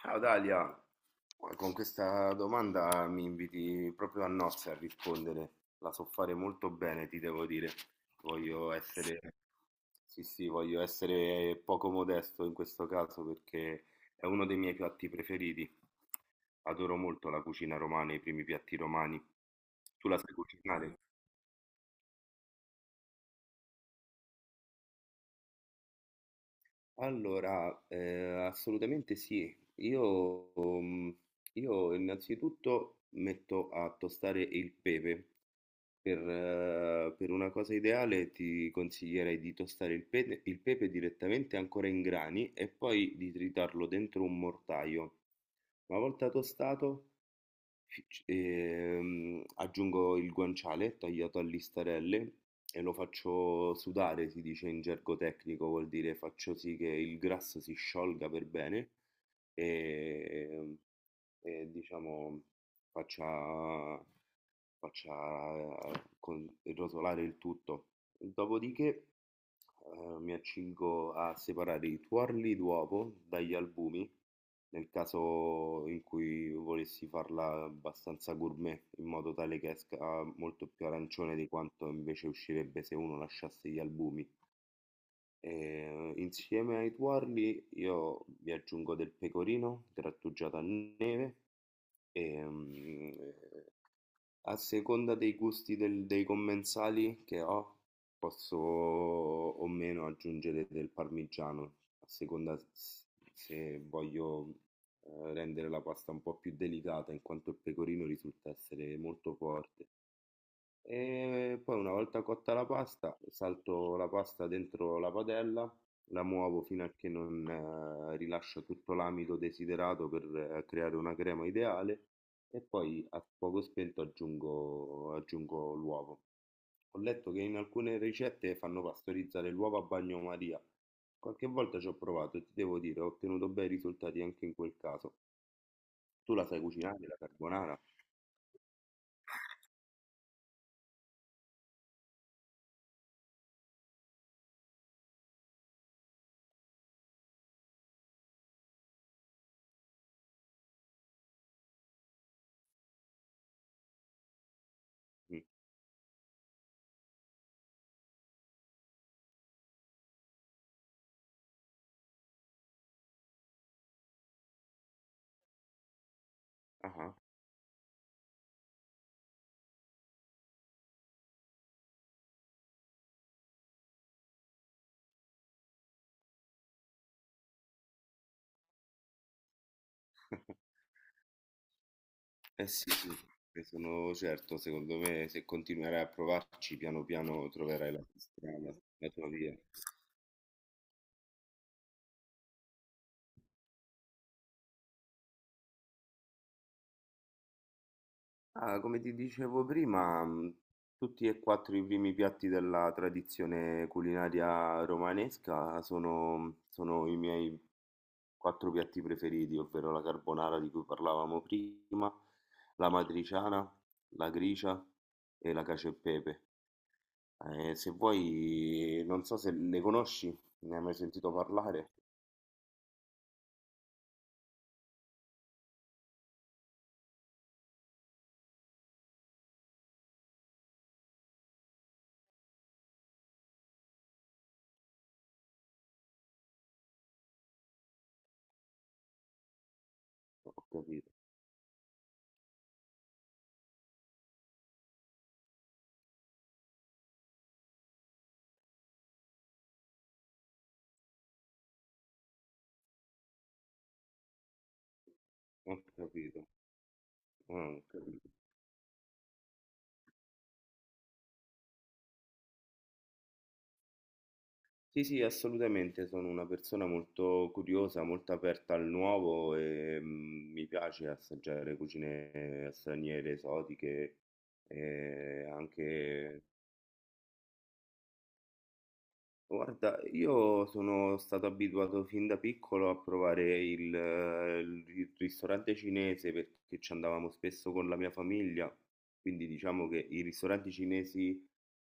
Ciao Dalia. Ma con questa domanda mi inviti proprio a nozze a rispondere. La so fare molto bene, ti devo dire. Voglio essere, sì, sì, voglio essere poco modesto in questo caso perché è uno dei miei piatti preferiti. Adoro molto la cucina romana, i primi piatti romani. Tu la sai cucinare? Allora, assolutamente sì. Io innanzitutto metto a tostare il pepe. Per una cosa ideale ti consiglierei di tostare il pepe direttamente ancora in grani e poi di tritarlo dentro un mortaio. Una volta tostato, aggiungo il guanciale tagliato a listarelle e lo faccio sudare, si dice in gergo tecnico, vuol dire faccio sì che il grasso si sciolga per bene e, e, diciamo faccia faccia rotolare il tutto. Dopodiché mi accingo a separare i tuorli d'uovo dagli albumi, nel caso in cui volessi farla abbastanza gourmet, in modo tale che esca molto più arancione di quanto invece uscirebbe se uno lasciasse gli albumi. E, insieme ai tuorli io vi aggiungo del pecorino grattugiato a neve e, a seconda dei gusti dei commensali che ho, posso o meno aggiungere del parmigiano, a seconda se voglio rendere la pasta un po' più delicata, in quanto il pecorino risulta essere molto forte. E poi una volta cotta la pasta, salto la pasta dentro la padella, la muovo fino a che non rilascia tutto l'amido desiderato per creare una crema ideale e poi a fuoco spento aggiungo l'uovo. Ho letto che in alcune ricette fanno pastorizzare l'uovo a bagnomaria. Qualche volta ci ho provato e ti devo dire, ho ottenuto bei risultati anche in quel caso. Tu la sai cucinare, la carbonara? Mm. Ah ah. Eh sì, sì, ne sono certo, secondo me se continuerai a provarci piano piano troverai la tua strada, la tua via. Ah, come ti dicevo prima, tutti e quattro i primi piatti della tradizione culinaria romanesca sono, mhmm, sono i miei quattro piatti preferiti, ovvero la carbonara di cui parlavamo prima, la matriciana, la gricia e la cacio e pepe. Se vuoi, non so se ne conosci, ne hai mai sentito parlare? Ho capito, ho capito, ah, ho capito. Sì, sì, assolutamente, sono una persona molto curiosa, molto aperta al nuovo e mi piace assaggiare cucine straniere, esotiche, e anche. Guarda, io sono stato abituato fin da piccolo a provare il ristorante cinese perché ci andavamo spesso con la mia famiglia, quindi diciamo che i ristoranti cinesi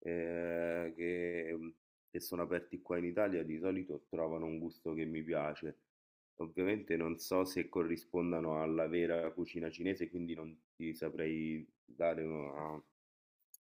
eh, che, mm, che sono aperti qua in Italia di solito trovano un gusto che mi piace. Ovviamente non so se corrispondano alla vera cucina cinese, quindi non ti saprei dare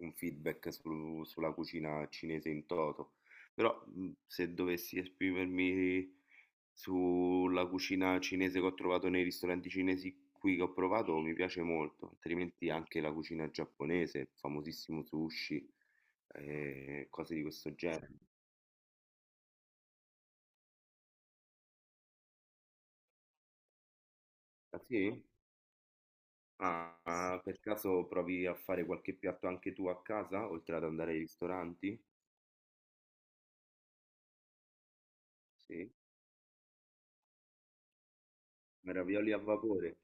un feedback sulla cucina cinese in toto. Però, mhmm, se dovessi esprimermi sulla cucina cinese che ho trovato nei ristoranti cinesi qui che ho provato, mi piace molto, altrimenti anche la cucina giapponese, il famosissimo sushi, cose di questo genere. Ah sì? Ah, per caso provi a fare qualche piatto anche tu a casa, oltre ad andare ai ristoranti? Sì? Ravioli a vapore?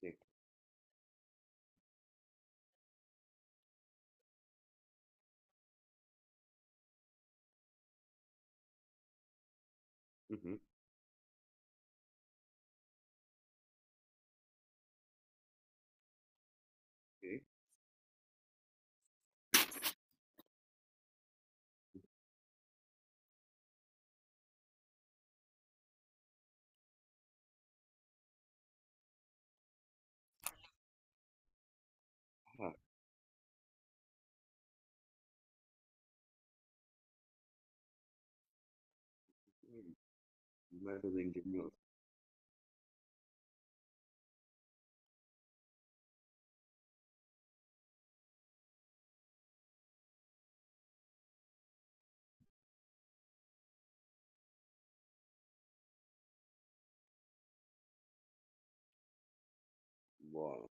Sì. Mh-mh. Sì. Ah, mh, metodo ingegnoso, buono.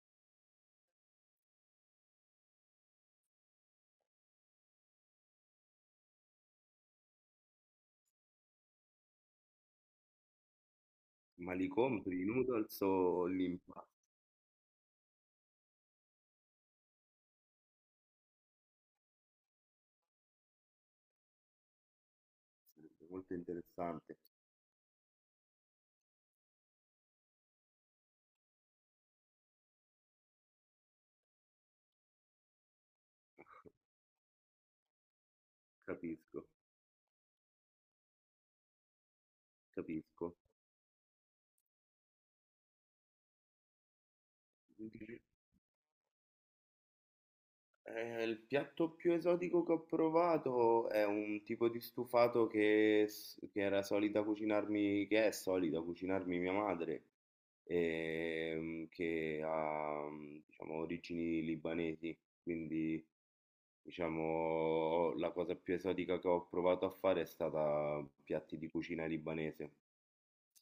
Ma li compri i noodles o l'impasto? Molto interessante, capisco, capisco. Il piatto più esotico che ho provato è un tipo di stufato che era solita cucinarmi, che è solita cucinarmi mia madre, che ha, diciamo, origini libanesi, quindi. Diciamo, la cosa più esotica che ho provato a fare è stata piatti di cucina libanese.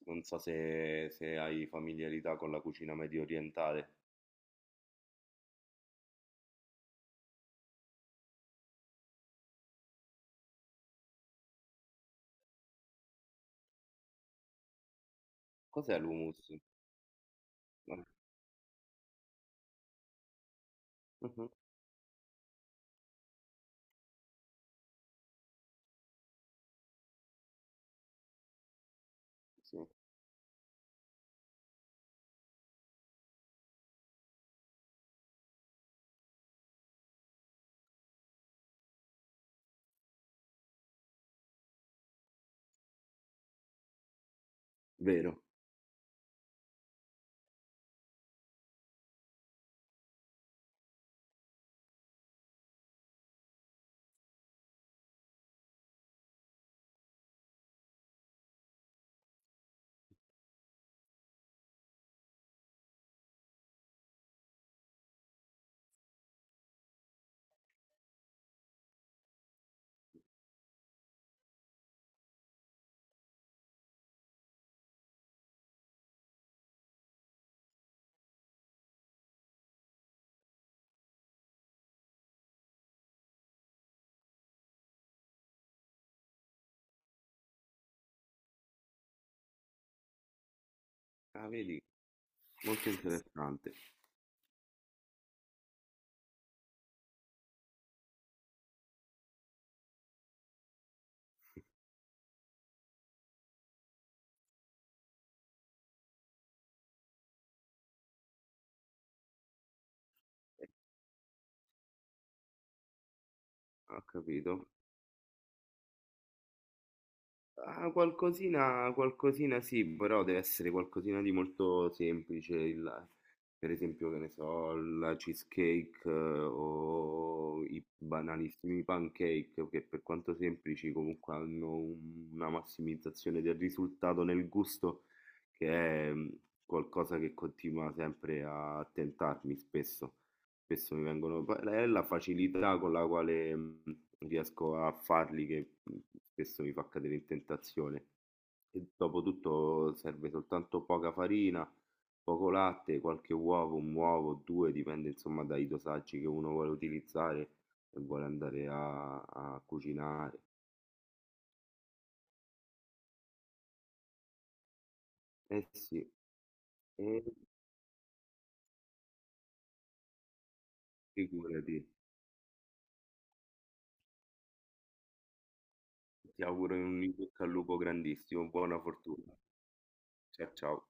Non so se, se hai familiarità con la cucina medio orientale. Cos'è l'hummus? Ah, mhm, sì, vero. Ah, vedi, molto interessante. Eh, Ho capito. Ah, qualcosina, qualcosina sì, però deve essere qualcosina di molto semplice, per esempio, che ne so, la cheesecake o i banalissimi pancake, che per quanto semplici comunque hanno una massimizzazione del risultato nel gusto, che è qualcosa che continua sempre a tentarmi spesso. Spesso mi vengono, è la facilità con la quale riesco a farli che spesso mi fa cadere in tentazione. E dopotutto serve soltanto poca farina, poco latte, qualche uovo, un uovo, due, dipende insomma dai dosaggi che uno vuole utilizzare e vuole andare a cucinare. Eh sì, e figurati, ti auguro un in bocca al lupo grandissimo, buona fortuna. Ciao ciao.